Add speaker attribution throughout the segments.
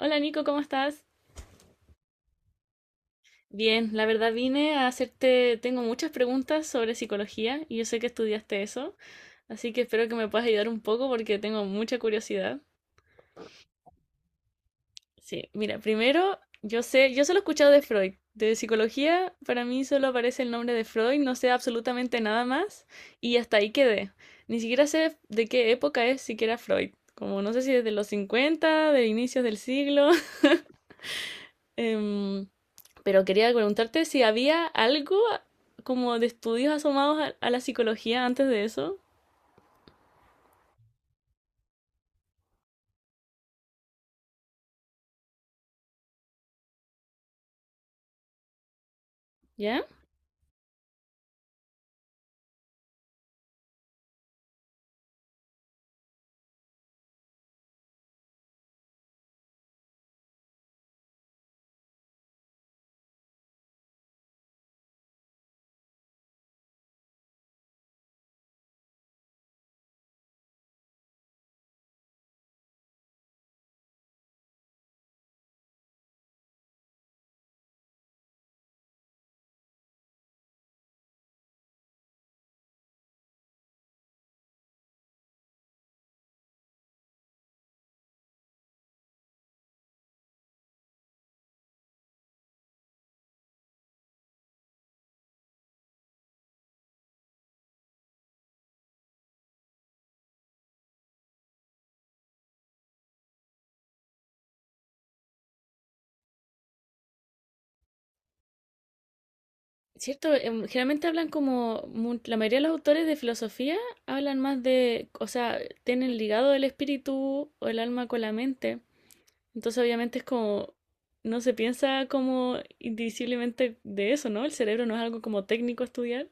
Speaker 1: Hola Nico, ¿cómo estás? Bien, la verdad vine a hacerte, tengo muchas preguntas sobre psicología y yo sé que estudiaste eso, así que espero que me puedas ayudar un poco porque tengo mucha curiosidad. Sí, mira, primero, yo solo he escuchado de Freud, de psicología para mí solo aparece el nombre de Freud, no sé absolutamente nada más y hasta ahí quedé. Ni siquiera sé de qué época es siquiera Freud, como no sé si desde los 50, de inicios del siglo. em, Pero quería preguntarte si había algo como de estudios asomados a la psicología antes de eso, ¿ya? Cierto, generalmente hablan como, la mayoría de los autores de filosofía hablan más de, o sea, tienen ligado el espíritu o el alma con la mente. Entonces obviamente es como, no se piensa como indivisiblemente de eso, ¿no? El cerebro no es algo como técnico a estudiar.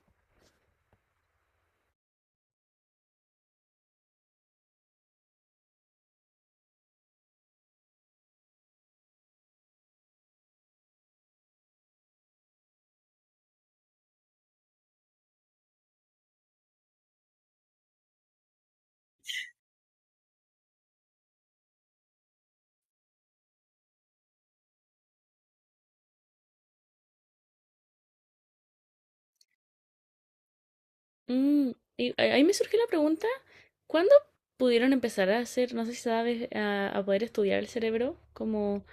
Speaker 1: Mm, y ahí me surgió la pregunta, ¿cuándo pudieron empezar a hacer, no sé si sabes, a poder estudiar el cerebro como...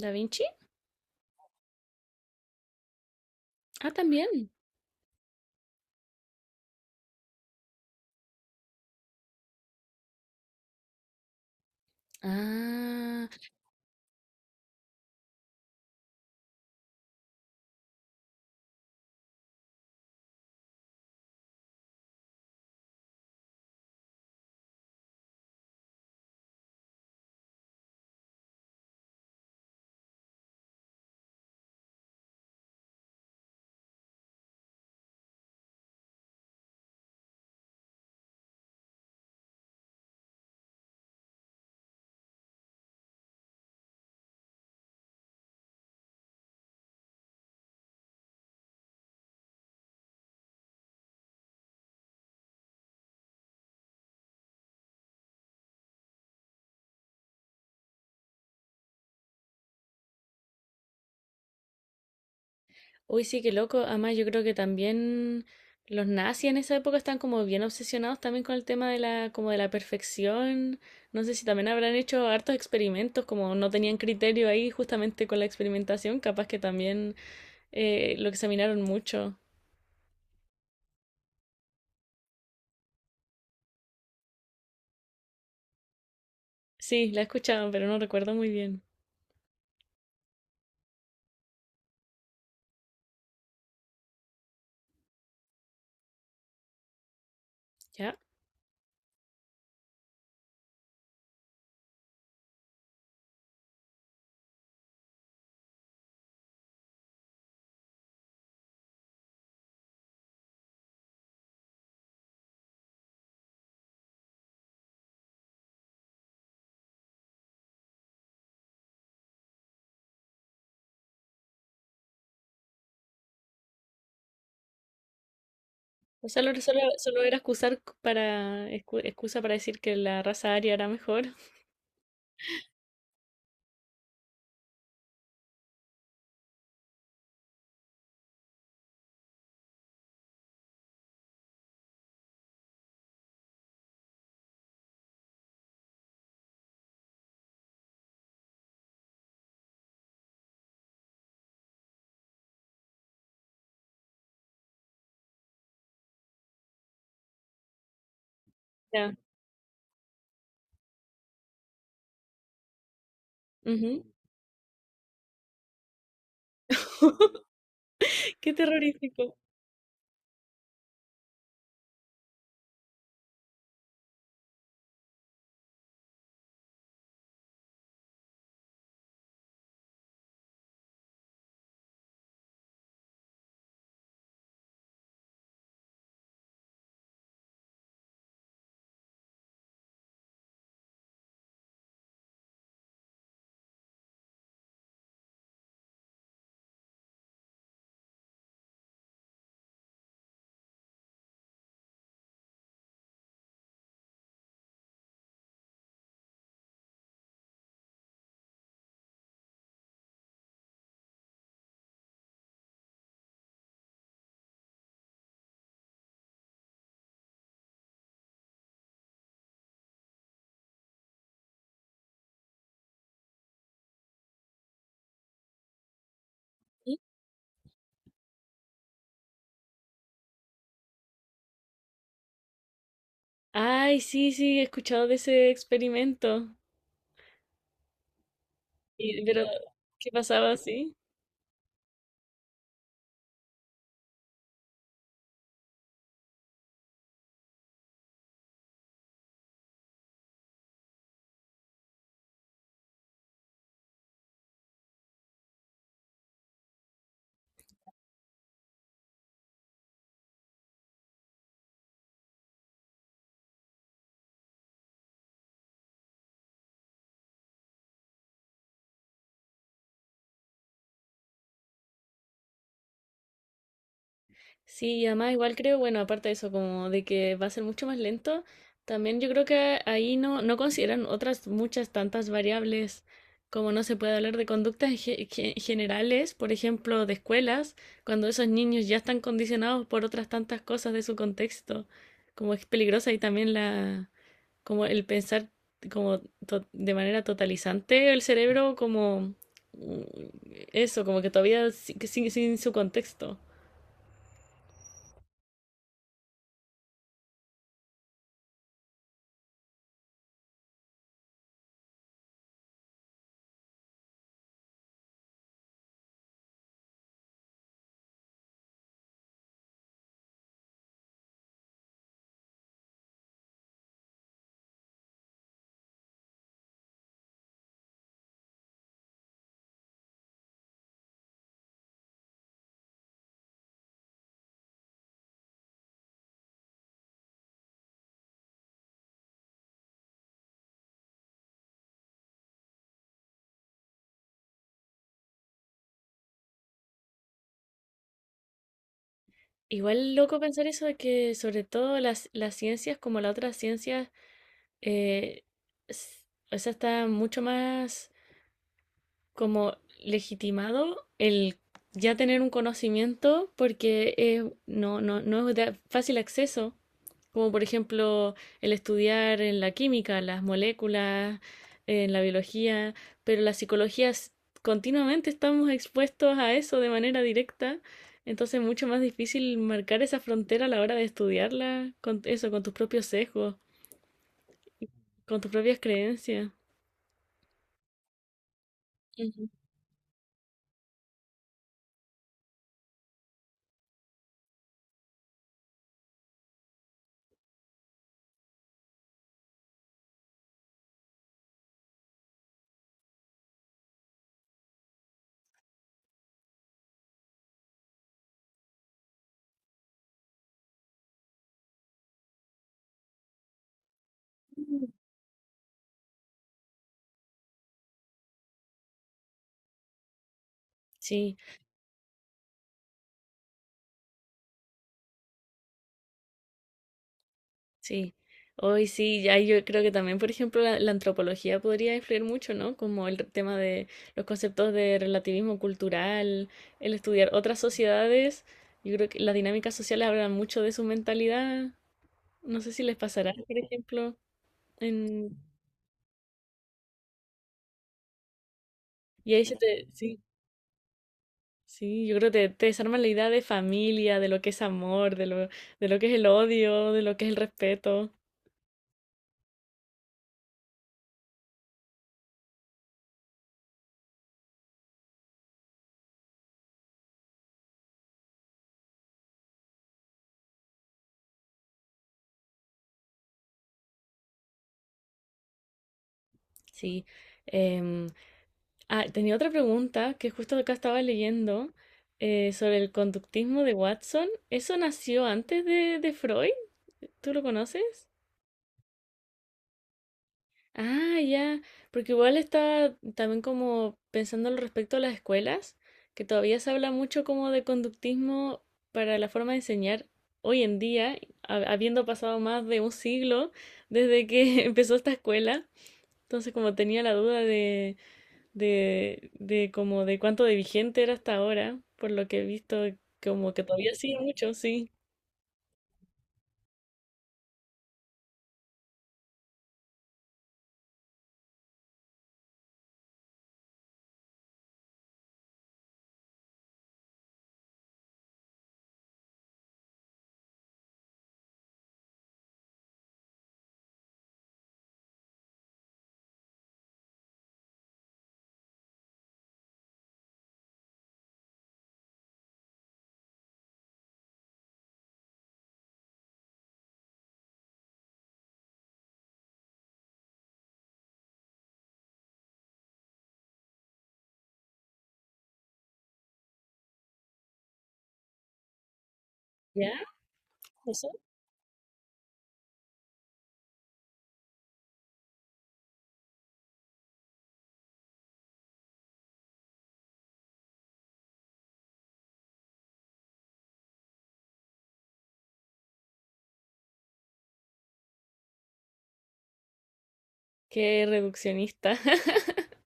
Speaker 1: ¿Da Vinci? Ah, también. Ah, uy, sí, qué loco. Además, yo creo que también los nazis en esa época están como bien obsesionados también con el tema de la, como de la perfección. No sé si también habrán hecho hartos experimentos, como no tenían criterio ahí justamente con la experimentación, capaz que también lo examinaron mucho. Sí, la escuchaban, pero no recuerdo muy bien. ¿Ya? O sea, solo era excusar para, excusa para decir que la raza aria era mejor. Ya. Ujú. Qué terrorífico. ¿Mm? Ay, sí, sí, he escuchado de ese experimento. Y pero, ¿qué pasaba así? Sí, y además igual creo, bueno, aparte de eso, como de que va a ser mucho más lento, también yo creo que ahí no consideran otras muchas tantas variables, como no se puede hablar de conductas generales, por ejemplo, de escuelas, cuando esos niños ya están condicionados por otras tantas cosas de su contexto, como es peligrosa y también la, como el pensar como de manera totalizante el cerebro, como mm, eso, como que todavía sin sin su contexto. Igual loco pensar eso de que sobre todo las ciencias como la otra ciencia, eh, s- o sea, está mucho más como legitimado el ya tener un conocimiento porque no es de fácil acceso como por ejemplo el estudiar en la química, las moléculas, en la biología, pero la psicología continuamente estamos expuestos a eso de manera directa, entonces es mucho más difícil marcar esa frontera a la hora de estudiarla con eso, con tus propios sesgos, con tus propias creencias. Ujú. Sí. Sí, hoy sí, ya yo creo que también, por ejemplo, la antropología podría influir mucho, ¿no? Como el tema de los conceptos de relativismo cultural, el estudiar otras sociedades, yo creo que las dinámicas sociales hablan mucho de su mentalidad, no sé si les pasará, por ejemplo, en... Y ahí se te... Sí, sí, yo creo que te desarman la idea de familia, de lo que es amor, de lo que es el odio, de lo que es el respeto, sí. em, Ah, tenía otra pregunta que justo acá estaba leyendo sobre el conductismo de Watson. ¿Eso nació antes de Freud? ¿Tú lo conoces? Ah, ya, porque igual estaba también como pensando al respecto a las escuelas, que todavía se habla mucho como de conductismo para la forma de enseñar hoy en día, habiendo pasado más de un siglo desde que empezó esta escuela. Entonces, como tenía la duda de como de cuánto de vigente era hasta ahora, por lo que he visto, como que todavía sigue mucho, sí. ¿Ya? ¿Eso? Qué reduccionista.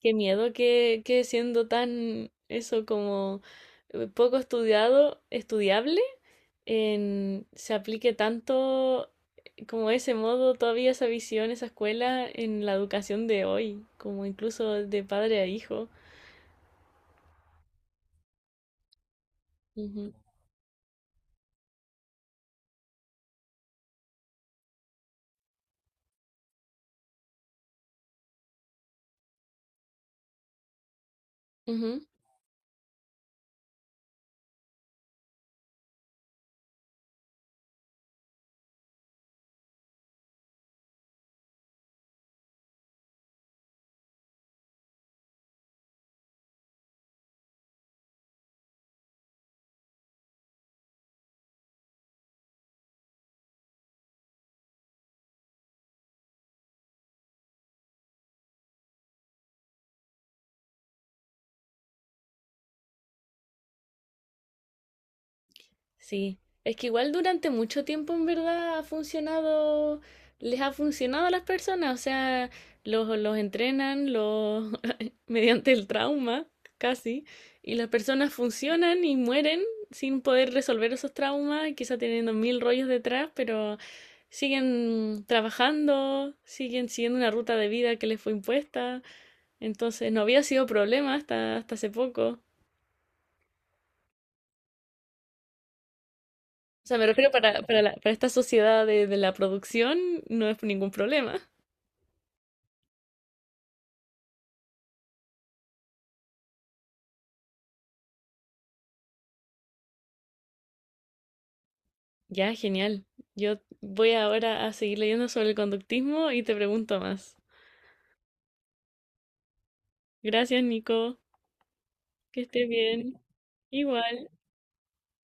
Speaker 1: Qué miedo que siendo tan eso como poco estudiado, estudiable, se aplique tanto como ese modo, todavía esa visión, esa escuela en la educación de hoy, como incluso de padre a hijo. Ujú, ujú. Sí, es que igual durante mucho tiempo en verdad ha funcionado, les ha funcionado a las personas, o sea, los entrenan los, mediante el trauma, casi, y las personas funcionan y mueren sin poder resolver esos traumas, quizá teniendo mil rollos detrás, pero siguen trabajando, siguen siguiendo una ruta de vida que les fue impuesta, entonces no había sido problema hasta, hasta hace poco. O sea, me refiero para, para esta sociedad de la producción, no es ningún problema. Ya, genial. Yo voy ahora a seguir leyendo sobre el conductismo y te pregunto más. Gracias, Nico. Que estés bien. Igual.